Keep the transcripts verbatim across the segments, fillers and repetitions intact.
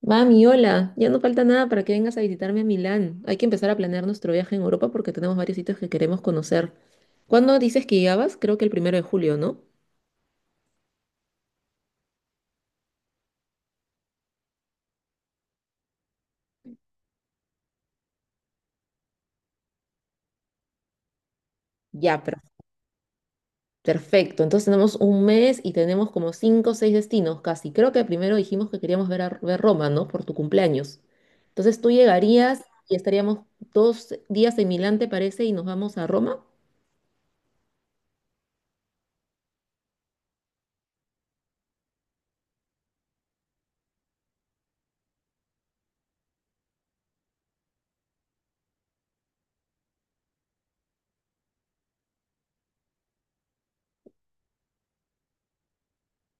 Mami, hola, ya no falta nada para que vengas a visitarme a Milán. Hay que empezar a planear nuestro viaje en Europa porque tenemos varios sitios que queremos conocer. ¿Cuándo dices que llegabas? Creo que el primero de julio, ¿no? Ya, per- perfecto. Entonces tenemos un mes y tenemos como cinco o seis destinos casi. Creo que primero dijimos que queríamos ver, a, ver Roma, ¿no? Por tu cumpleaños. Entonces tú llegarías y estaríamos dos días en Milán, ¿te parece? Y nos vamos a Roma.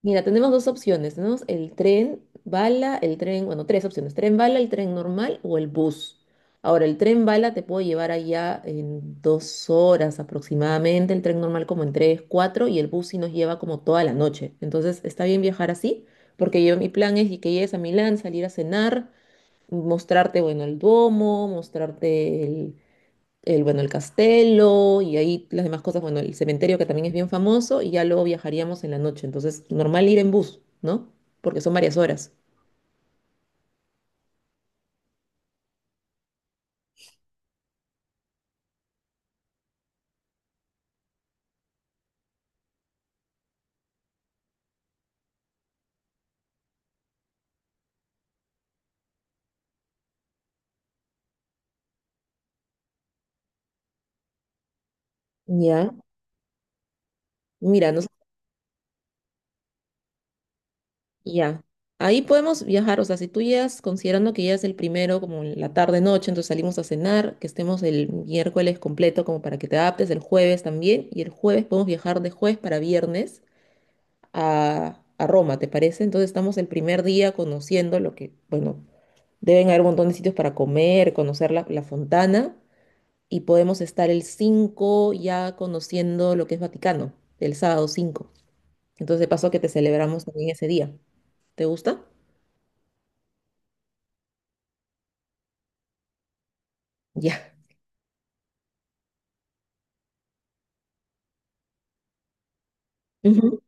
Mira, tenemos dos opciones. Tenemos el tren bala, el tren, bueno, tres opciones. Tren bala, el tren normal o el bus. Ahora, el tren bala te puedo llevar allá en dos horas aproximadamente, el tren normal como en tres, cuatro, y el bus sí nos lleva como toda la noche. Entonces, está bien viajar así, porque yo mi plan es y que llegues a Milán, salir a cenar, mostrarte, bueno, el Duomo, mostrarte el, el, bueno, el castelo y ahí las demás cosas, bueno, el cementerio que también es bien famoso y ya luego viajaríamos en la noche. Entonces, normal ir en bus, ¿no? Porque son varias horas. Ya, mira, no sé, ya. Ahí podemos viajar, o sea, si tú llegas considerando que ya es el primero, como en la tarde noche, entonces salimos a cenar, que estemos el miércoles completo como para que te adaptes, el jueves también, y el jueves podemos viajar de jueves para viernes a, a Roma, ¿te parece? Entonces estamos el primer día conociendo lo que, bueno, deben haber un montón de sitios para comer, conocer la, la Fontana y podemos estar el cinco ya conociendo lo que es Vaticano, el sábado cinco. Entonces, de paso que te celebramos también ese día. ¿Te gusta? Ya. Ujú.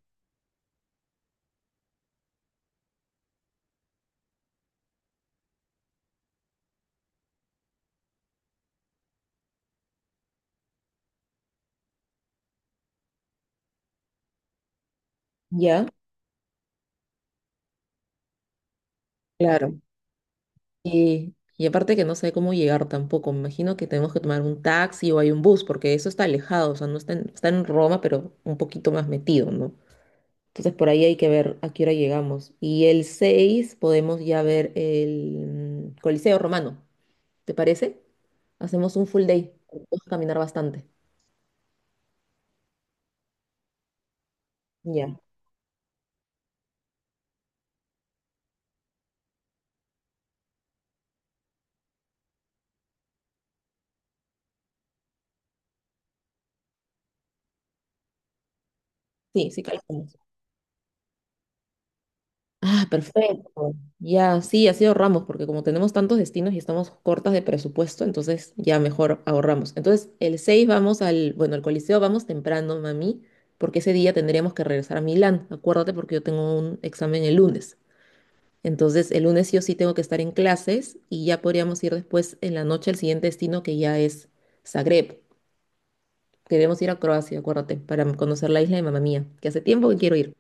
Ya. Claro. Y, y aparte que no sé cómo llegar tampoco. Me imagino que tenemos que tomar un taxi o hay un bus, porque eso está alejado, o sea, no está en, está en Roma, pero un poquito más metido, ¿no? Entonces por ahí hay que ver a qué hora llegamos. Y el seis podemos ya ver el mm, Coliseo Romano. ¿Te parece? Hacemos un full day. Vamos a caminar bastante. Ya. Sí, sí, calculamos. Ah, perfecto. Ya, sí, así ahorramos, porque como tenemos tantos destinos y estamos cortas de presupuesto, entonces ya mejor ahorramos. Entonces el seis vamos al, bueno, al Coliseo vamos temprano, mami, porque ese día tendríamos que regresar a Milán. Acuérdate porque yo tengo un examen el lunes. Entonces, el lunes sí o sí tengo que estar en clases y ya podríamos ir después en la noche al siguiente destino que ya es Zagreb. Queremos ir a Croacia, acuérdate, para conocer la isla de Mamá Mía, que hace tiempo que quiero ir.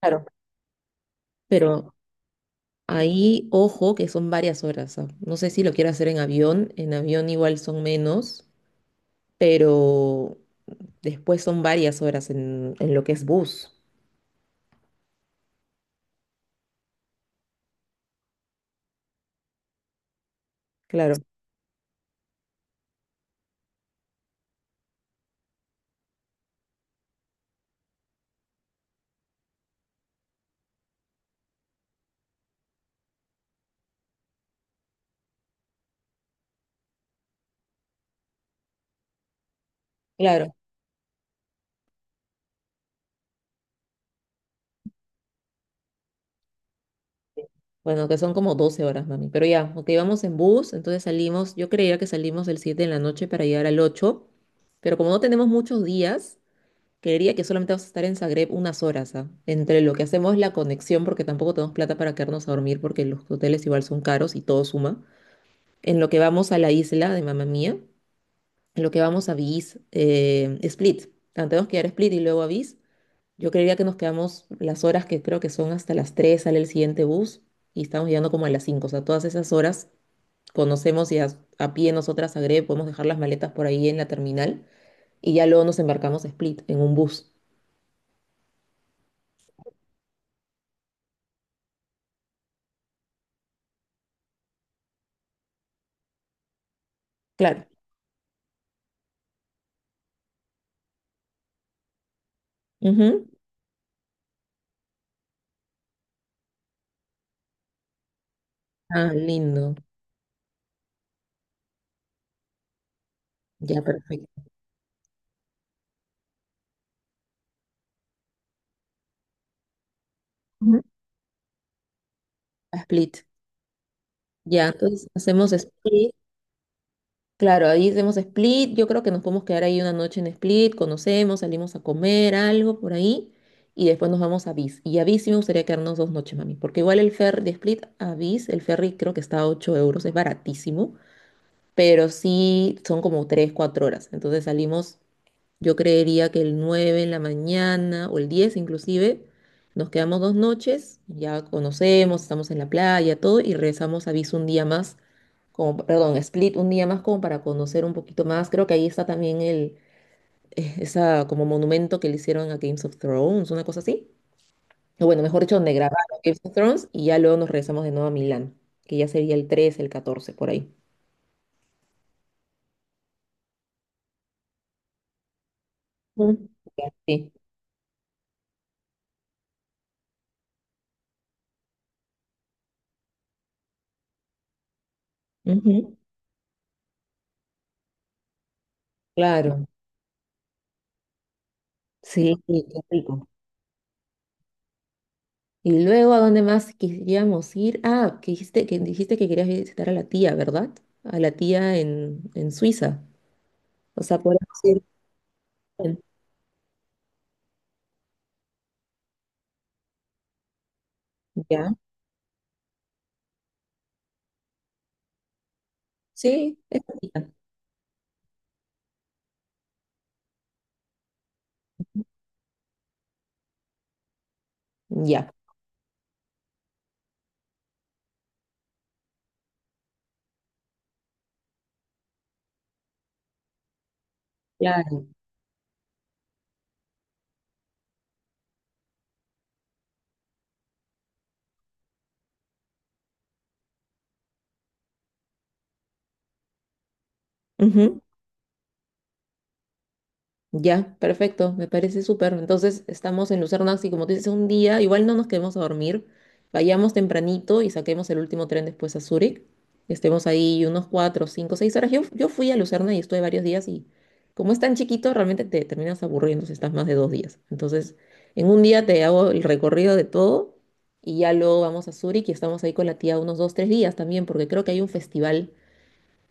Claro. Pero ahí, ojo, que son varias horas. Ah. No sé si lo quiero hacer en avión. En avión igual son menos, pero después son varias horas en, en lo que es bus. Claro, claro. Bueno, que son como doce horas, mami. Pero ya, ok, vamos en bus, entonces salimos, yo creía que salimos el siete en la noche para llegar al ocho, pero como no tenemos muchos días, creería que solamente vamos a estar en Zagreb unas horas, ¿ah? Entre lo que hacemos la conexión, porque tampoco tenemos plata para quedarnos a dormir, porque los hoteles igual son caros y todo suma, en lo que vamos a la isla de Mamá Mía, en lo que vamos a Vis, eh, Split. Ah, tenemos que ir a Split y luego a Vis. Yo creería que nos quedamos las horas, que creo que son hasta las tres sale el siguiente bus y estamos llegando como a las cinco. O sea, todas esas horas conocemos y a, a pie nosotras a Greve, podemos dejar las maletas por ahí en la terminal y ya luego nos embarcamos a Split en un bus. Claro. Ujú. Ah, lindo. Ya, perfecto. Ujú. A Split. Ya, entonces hacemos Split. Claro, ahí hacemos Split. Yo creo que nos podemos quedar ahí una noche en Split, conocemos, salimos a comer algo por ahí y después nos vamos a Vis. Y a Vis sí me gustaría quedarnos dos noches, mami, porque igual el ferry de Split a Vis, el ferry creo que está a ocho euros, es baratísimo, pero sí son como tres cuatro horas. Entonces salimos, yo creería que el nueve en la mañana o el diez inclusive, nos quedamos dos noches, ya conocemos, estamos en la playa, todo, y regresamos a Ibiza un día más, como, perdón, a Split un día más como para conocer un poquito más. Creo que ahí está también el, eh, esa como monumento que le hicieron a Games of Thrones, una cosa así. O bueno, mejor dicho, donde grabaron Games of Thrones y ya luego nos regresamos de nuevo a Milán, que ya sería el trece, el catorce por ahí. Mm. Sí. Ujú. Claro. Sí, sí, qué rico. Y luego, ¿a dónde más quisiéramos ir? Ah, que dijiste que, dijiste que querías visitar a la tía, ¿verdad? A la tía en, en Suiza. O sea, podemos ir. Ya. Sí. Ya. Ya. Claro. Ujú. Ya, perfecto, me parece súper. Entonces estamos en Lucerna, así como tú dices, un día, igual no nos quedemos a dormir, vayamos tempranito y saquemos el último tren después a Zúrich. Estemos ahí unos cuatro, cinco, seis horas. Yo, yo fui a Lucerna y estuve varios días y como es tan chiquito, realmente te terminas aburriendo si estás más de dos días. Entonces, en un día te hago el recorrido de todo y ya luego vamos a Zúrich y estamos ahí con la tía unos dos, tres días también, porque creo que hay un festival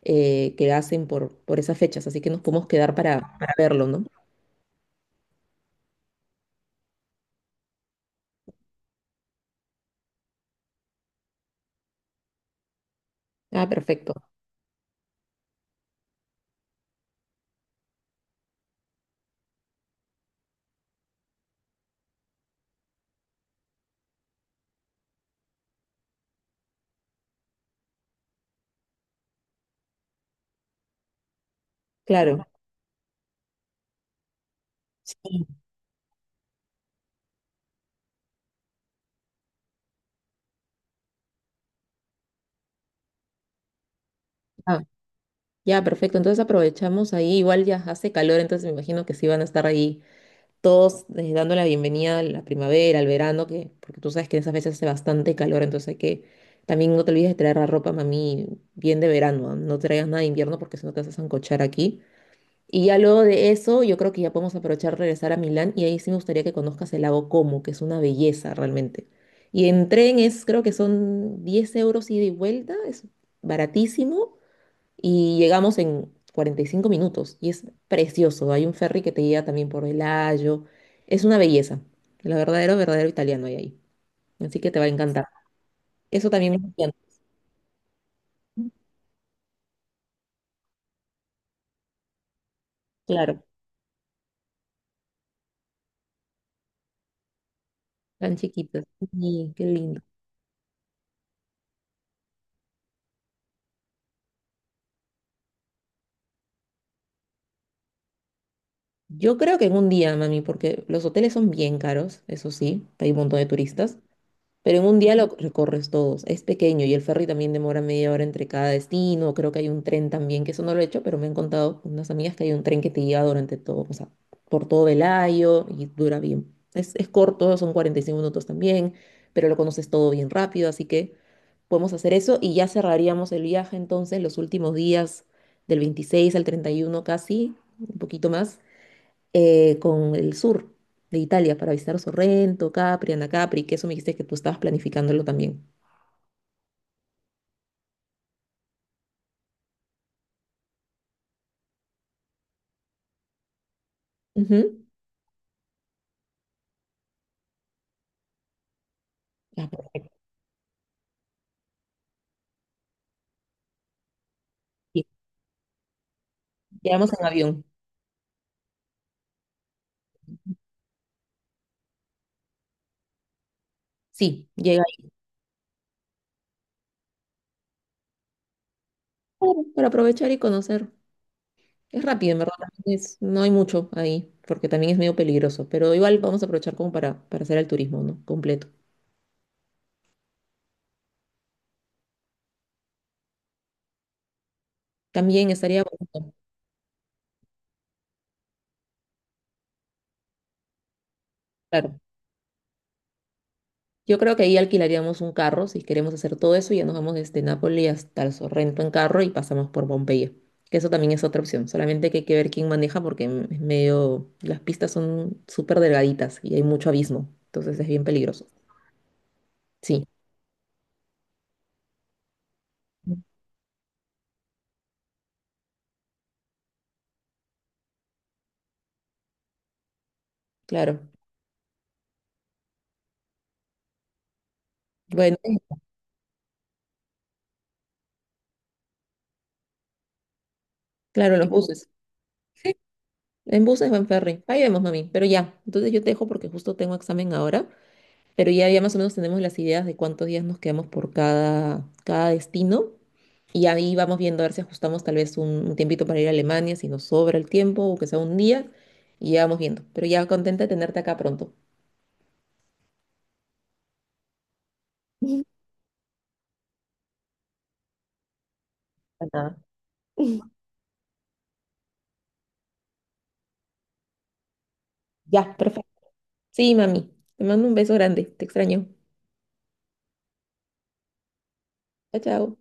eh, que hacen por, por esas fechas, así que nos podemos quedar para, para verlo, ¿no? Ah, perfecto, claro. Sí, ah, ya, perfecto. Entonces aprovechamos ahí. Igual ya hace calor, entonces me imagino que sí van a estar ahí todos eh, dando la bienvenida a la primavera, al verano, que, porque tú sabes que en esas veces hace bastante calor, entonces hay que también no te olvides de traer la ropa, mami, bien de verano. No, no traigas nada de invierno porque si no te vas a sancochar aquí. Y ya luego de eso, yo creo que ya podemos aprovechar regresar a Milán y ahí sí me gustaría que conozcas el lago Como, que es una belleza realmente. Y en tren es, creo que son diez euros ida y vuelta, es baratísimo y llegamos en cuarenta y cinco minutos y es precioso. Hay un ferry que te guía también por el Ayo. Es una belleza. La verdadero, verdadero italiano hay ahí. Así que te va a encantar. Eso también me encanta. Claro, tan chiquitos. Sí, qué lindo. Yo creo que en un día, mami, porque los hoteles son bien caros, eso sí, hay un montón de turistas, pero en un día lo recorres todos. Es pequeño y el ferry también demora media hora entre cada destino. Creo que hay un tren también, que eso no lo he hecho, pero me han contado unas amigas que hay un tren que te lleva durante todo, o sea, por todo Velayo, y dura bien. Es, es corto, son cuarenta y cinco minutos también, pero lo conoces todo bien rápido, así que podemos hacer eso y ya cerraríamos el viaje entonces los últimos días del veintiséis al treinta y uno, casi, un poquito más eh, con el sur de Italia para visitar Sorrento, Capri, Anacapri, que eso me dijiste que tú estabas planificándolo también. Ujú. Ah, perfecto. Sí, llegamos en avión. Sí, llega ahí, claro, para aprovechar y conocer. Es rápido, en verdad. También es- no hay mucho ahí, porque también es medio peligroso, pero igual vamos a aprovechar como para, para hacer el turismo, ¿no? Completo. También estaría bonito. Claro, yo creo que ahí alquilaríamos un carro si queremos hacer todo eso y ya nos vamos desde Nápoli hasta el Sorrento en carro y pasamos por Pompeya. Que eso también es otra opción. Solamente que hay que ver quién maneja porque m- es medio. Las pistas son súper delgaditas y hay mucho abismo. Entonces es bien peligroso. Sí, claro. Bueno, claro, los buses. Sí, en buses o en ferry. Ahí vemos, mami. Pero ya, entonces yo te dejo porque justo tengo examen ahora. Pero ya, ya más o menos tenemos las ideas de cuántos días nos quedamos por cada, cada destino. Y ahí vamos viendo a ver si ajustamos tal vez un, un tiempito para ir a Alemania, si nos sobra el tiempo o que sea un día. Y ya vamos viendo. Pero ya contenta de tenerte acá pronto. Para nada. Ya, perfecto. Sí, mami. Te mando un beso grande. Te extraño. Chao, chao.